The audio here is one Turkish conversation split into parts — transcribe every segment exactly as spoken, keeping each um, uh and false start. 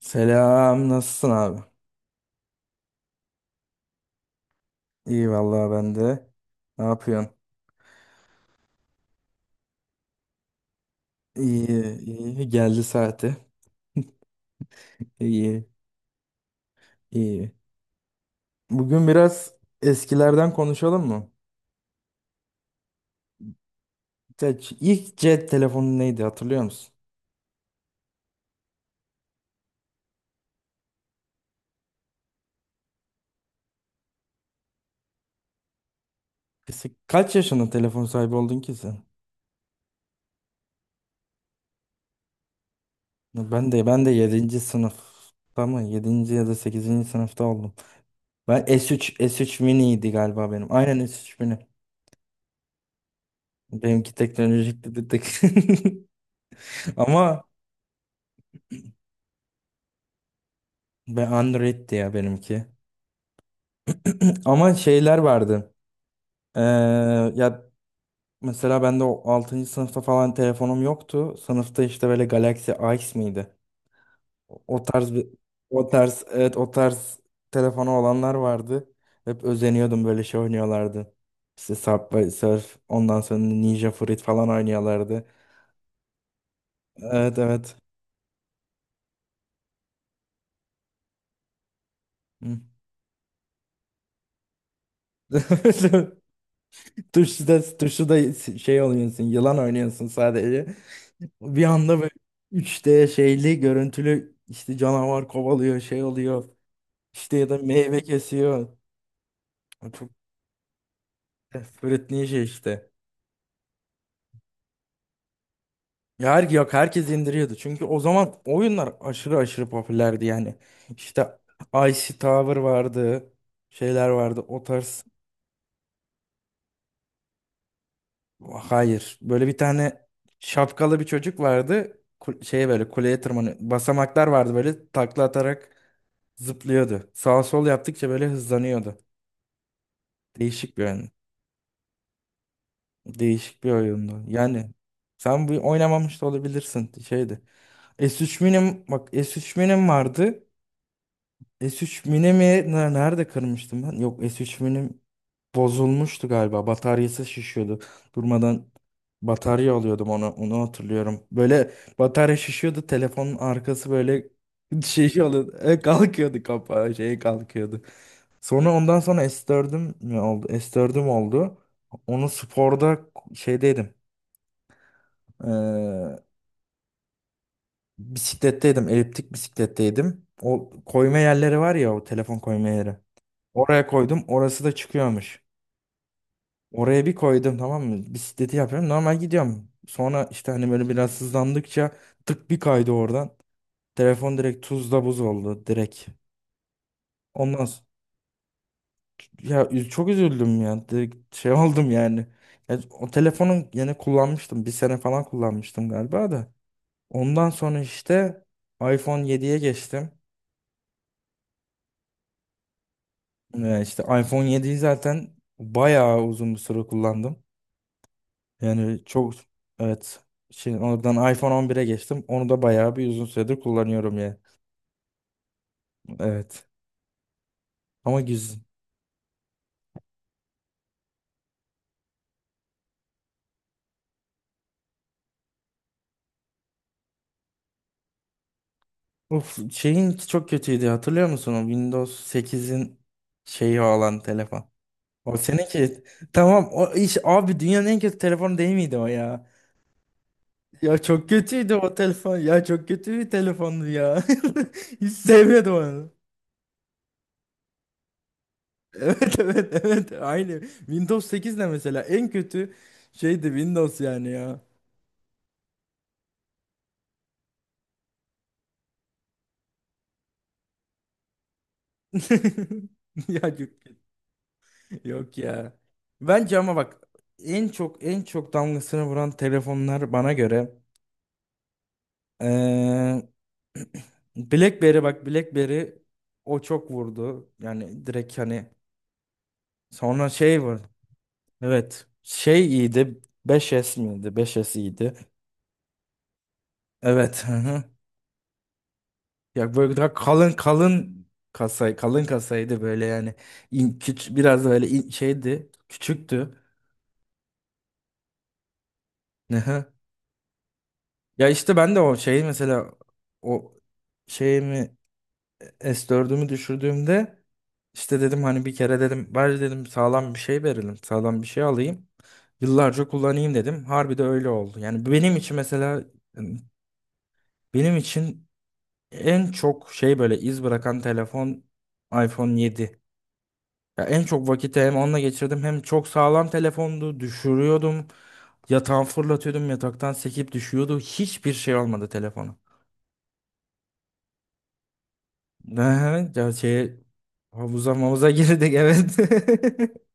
Selam, nasılsın abi? İyi vallahi ben de. Ne yapıyorsun? İyi, iyi. Geldi saati. İyi, iyi. Bugün biraz eskilerden konuşalım mı? Ya c- İlk cep telefonu neydi hatırlıyor musun? Kısa- Kaç yaşında telefon sahibi oldun ki sen? Ben de ben de yedinci sınıfta mı? Yedinci ya da sekizinci sınıfta oldum. Ben S üç S üç Mini'ydi galiba benim. Aynen S üç Mini. Benimki teknolojikti dedik. Ama ben Android'ti ya benimki. Ama şeyler vardı. Ee, ya mesela ben de o altıncı sınıfta falan telefonum yoktu. Sınıfta işte böyle Galaxy Ace miydi? O o tarz bir, o tarz, evet, o tarz telefonu olanlar vardı. Hep özeniyordum, böyle şey oynuyorlardı. İşte Subway Surf, ondan sonra Ninja Fruit falan oynuyorlardı. Evet, evet. Hı. Tuşu da, tuşu da şey oynuyorsun, yılan oynuyorsun sadece. Bir anda böyle üç D şeyli görüntülü, işte canavar kovalıyor, şey oluyor. İşte ya da meyve kesiyor. O Çok öğrettiği şey işte. Ya, her, yok, herkes indiriyordu. Çünkü o zaman oyunlar aşırı aşırı popülerdi yani. İşte Icy Tower vardı. Şeyler vardı. O tarz. Hayır. Böyle bir tane şapkalı bir çocuk vardı. Kul- Şey, böyle kuleye tırmanıyor. Basamaklar vardı, böyle takla atarak zıplıyordu. Sağ sol yaptıkça böyle hızlanıyordu. Değişik bir oyun. Değişik bir oyundu. Yani sen bu oynamamış da olabilirsin, şeydi. S üç Mini'm, bak S üç Mini'm vardı. S üç Mini mi ne- nerede kırmıştım ben? Yok, S üç Mini'm bozulmuştu galiba. Bataryası şişiyordu. Durmadan batarya alıyordum, onu onu hatırlıyorum. Böyle batarya şişiyordu. Telefonun arkası böyle şey oluyordu. E, Kalkıyordu kapağı, şey kalkıyordu. Sonra ondan sonra S dördüm mi oldu? S dördüm oldu. Onu sporda şeydeydim. eee, bisikletteydim. Eliptik bisikletteydim. O koyma yerleri var ya, o telefon koyma yeri. Oraya koydum. Orası da çıkıyormuş. Oraya bir koydum, tamam mı? Bisikleti yapıyorum. Normal gidiyorum. Sonra işte, hani böyle biraz hızlandıkça, tık bir kaydı oradan. Telefon direkt tuzla buz oldu, direkt. Ondan sonra. Ya, üz- çok üzüldüm ya. Direkt şey oldum yani. Ya, o telefonu yine kullanmıştım. Bir sene falan kullanmıştım galiba da. Ondan sonra işte iPhone yediye geçtim. Ee, işte iPhone yediyi zaten bayağı uzun bir süre kullandım. Yani çok, evet. Şimdi oradan iPhone on bire geçtim. Onu da bayağı bir uzun süredir kullanıyorum ya. Evet. Ama güzel. Of, şeyin çok kötüydü hatırlıyor musun? O Windows sekizin şeyi olan telefon. O seninki. Tamam o iş abi, dünyanın en kötü telefonu değil miydi o ya? Ya çok kötüydü o telefon. Ya çok kötü bir telefondu ya. Hiç sevmedim onu. Evet, evet, evet, aynı. Windows sekiz de mesela en kötü şeydi, Windows yani ya. Ya yok, yok ya. Bence ama bak, en çok en çok damgasını vuran telefonlar bana göre, Ee, BlackBerry, bak BlackBerry o çok vurdu. Yani direkt hani, sonra şey var. Evet. Şey iyiydi. Beş S miydi? beş S iyiydi. Evet. Hı hı. Ya, böyle daha kalın kalın, kasay kalın kasaydı böyle yani. İn, küç, biraz da böyle in- şeydi. Küçüktü. Hı hı. Ya işte ben de o şey mesela, o şeyimi, S dördümü düşürdüğümde, işte dedim hani, bir kere dedim, bari dedim sağlam bir şey verelim. Sağlam bir şey alayım. Yıllarca kullanayım dedim. Harbi de öyle oldu. Yani benim için mesela, yani benim için en çok şey, böyle iz bırakan telefon iPhone yedi. Ya en çok vakiti hem onunla geçirdim, hem çok sağlam telefondu. Düşürüyordum. Yatağa fırlatıyordum. Yataktan sekip düşüyordu. Hiçbir şey olmadı telefona. Ne? Ya şey, havuza mavuza girdik, evet.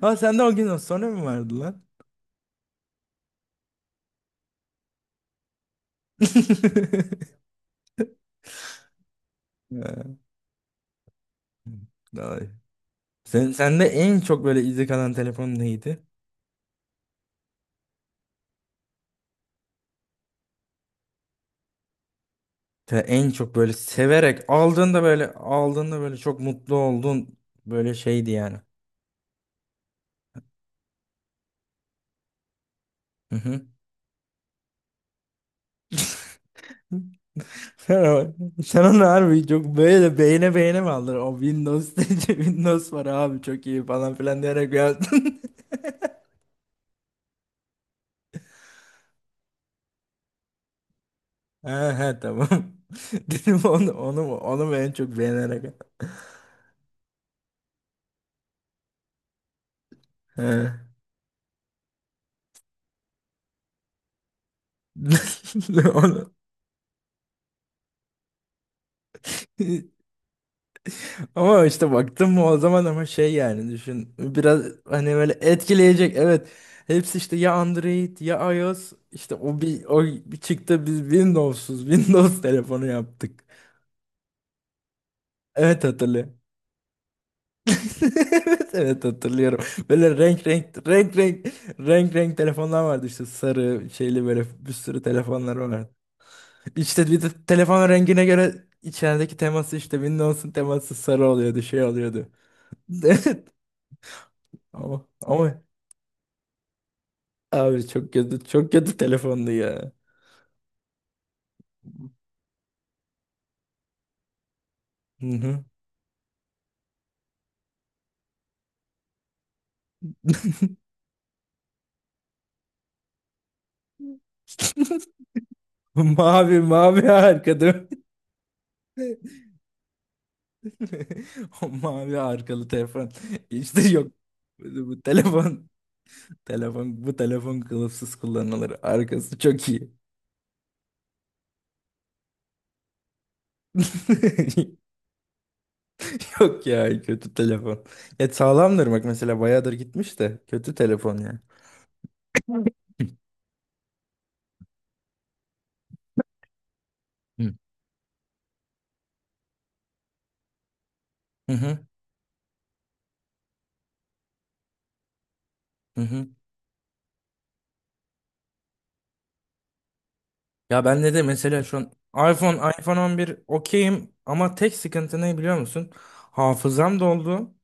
Ha, sende o gün sonra mı vardı lan? Ha, vay. Sen, sende en çok böyle izi kalan telefon neydi? Te- En çok böyle severek aldığında, böyle aldığında böyle çok mutlu oldun, böyle şeydi yani. Hı hı. Sen, o- sen onu harbi çok böyle beğene beğene mi aldın? O Windows Windows var abi, çok iyi falan filan diyerek yaptın. Ha ha, tamam. Dedim onu onu mu onu mu en çok beğenerek. He. Onu Ama işte baktım mı o zaman, ama şey yani, düşün biraz hani, böyle etkileyecek, evet, hepsi işte ya Android ya iOS, işte o bir o bir çıktı, biz Windows'uz. Windows telefonu yaptık. Evet, hatırlıyorum. Evet, evet, hatırlıyorum. Böyle renk renk renk renk renk renk telefonlar vardı, işte sarı şeyli, böyle bir sürü telefonlar vardı. İşte bir de telefonun rengine göre içerideki teması, işte Windows'un teması sarı oluyordu, şey oluyordu. Evet, ama ama abi çok kötü, çok kötü telefondu ya. Hı hı. Mavi mavi arkada. O mavi arkalı telefon. İşte yok. Bu bu telefon telefon bu telefon kılıfsız kullanılır. Arkası çok iyi. Yok ya, kötü telefon. Ya sağlamdır bak mesela, bayağıdır gitmiş, de kötü telefon ya. Hı. Hı hı. Hı. Ya bende de mesela şu an iPhone, iPhone on bir okeyim, ama tek sıkıntı ne biliyor musun? Hafızam doldu.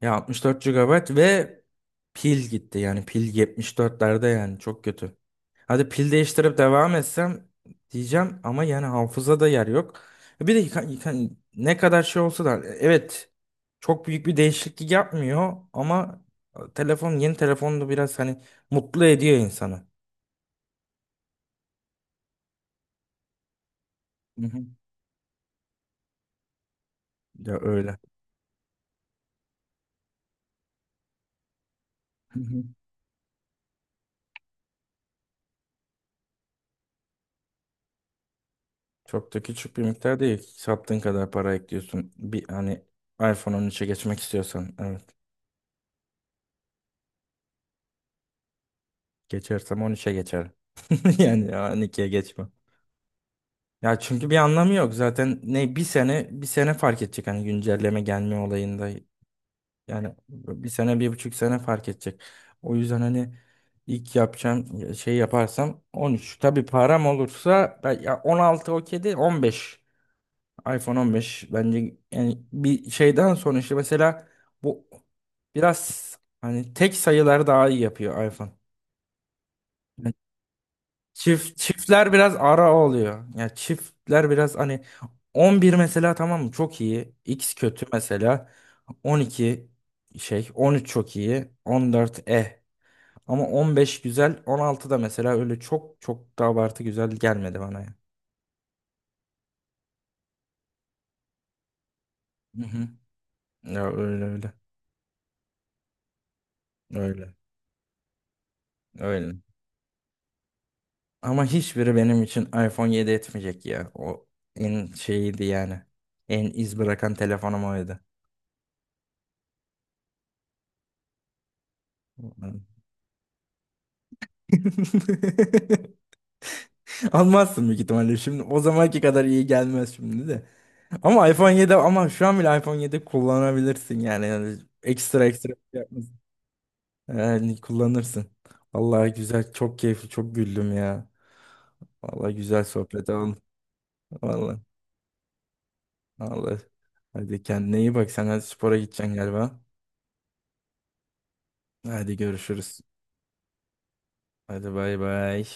Ya altmış dört gigabayt ve pil gitti. Yani pil yetmiş dörtlerde, yani çok kötü. Hadi pil değiştirip devam etsem diyeceğim, ama yani hafızada yer yok. E Bir de yıka- yıka- ne kadar şey olsa da, evet, çok büyük bir değişiklik yapmıyor, ama telefon, yeni telefon da biraz hani mutlu ediyor insanı. Hı hı. Ya öyle. Çok da küçük bir miktar değil. Sattığın kadar para ekliyorsun. Bir hani iPhone on üçe geçmek istiyorsan. Evet. Geçersem on üçe geçerim. Yani on ikiye geçmem. Ya çünkü bir anlamı yok. Zaten ne bir sene bir sene fark edecek hani, güncelleme gelme olayında. Yani bir sene, bir buçuk sene fark edecek. O yüzden hani ilk yapacağım şey, yaparsam on üç. Tabii param olursa ben- ya, on altı okey değil, on beş. iPhone on beş bence, yani bir şeyden sonra işte, mesela bu biraz hani, tek sayılar daha iyi yapıyor iPhone. Yani çift çiftler biraz ara oluyor. Yani çiftler biraz hani, on bir mesela, tamam mı, çok iyi. X kötü mesela. on iki şey, on üç çok iyi. on dört eh. Ama on beş güzel. on altı da mesela öyle çok çok da abartı güzel gelmedi bana ya. Hı hı. Ya öyle öyle. Öyle. Öyle. Ama hiçbiri benim için iPhone yedi etmeyecek ya. O en şeyiydi yani. En iz bırakan telefonum oydu. Ulan. Almazsın büyük ihtimalle. Şimdi o zamanki kadar iyi gelmez şimdi de. Ama iPhone yedi, ama şu an bile iPhone yedi kullanabilirsin yani. Yani ekstra ekstra bir şey yapmasın. Yani kullanırsın. Vallahi güzel, çok keyifli, çok güldüm ya. Vallahi güzel sohbet oldu. Vallahi. Vallahi. Hadi kendine iyi bak. Sen hadi spora gideceksin galiba. Hadi görüşürüz. Hadi bay bay.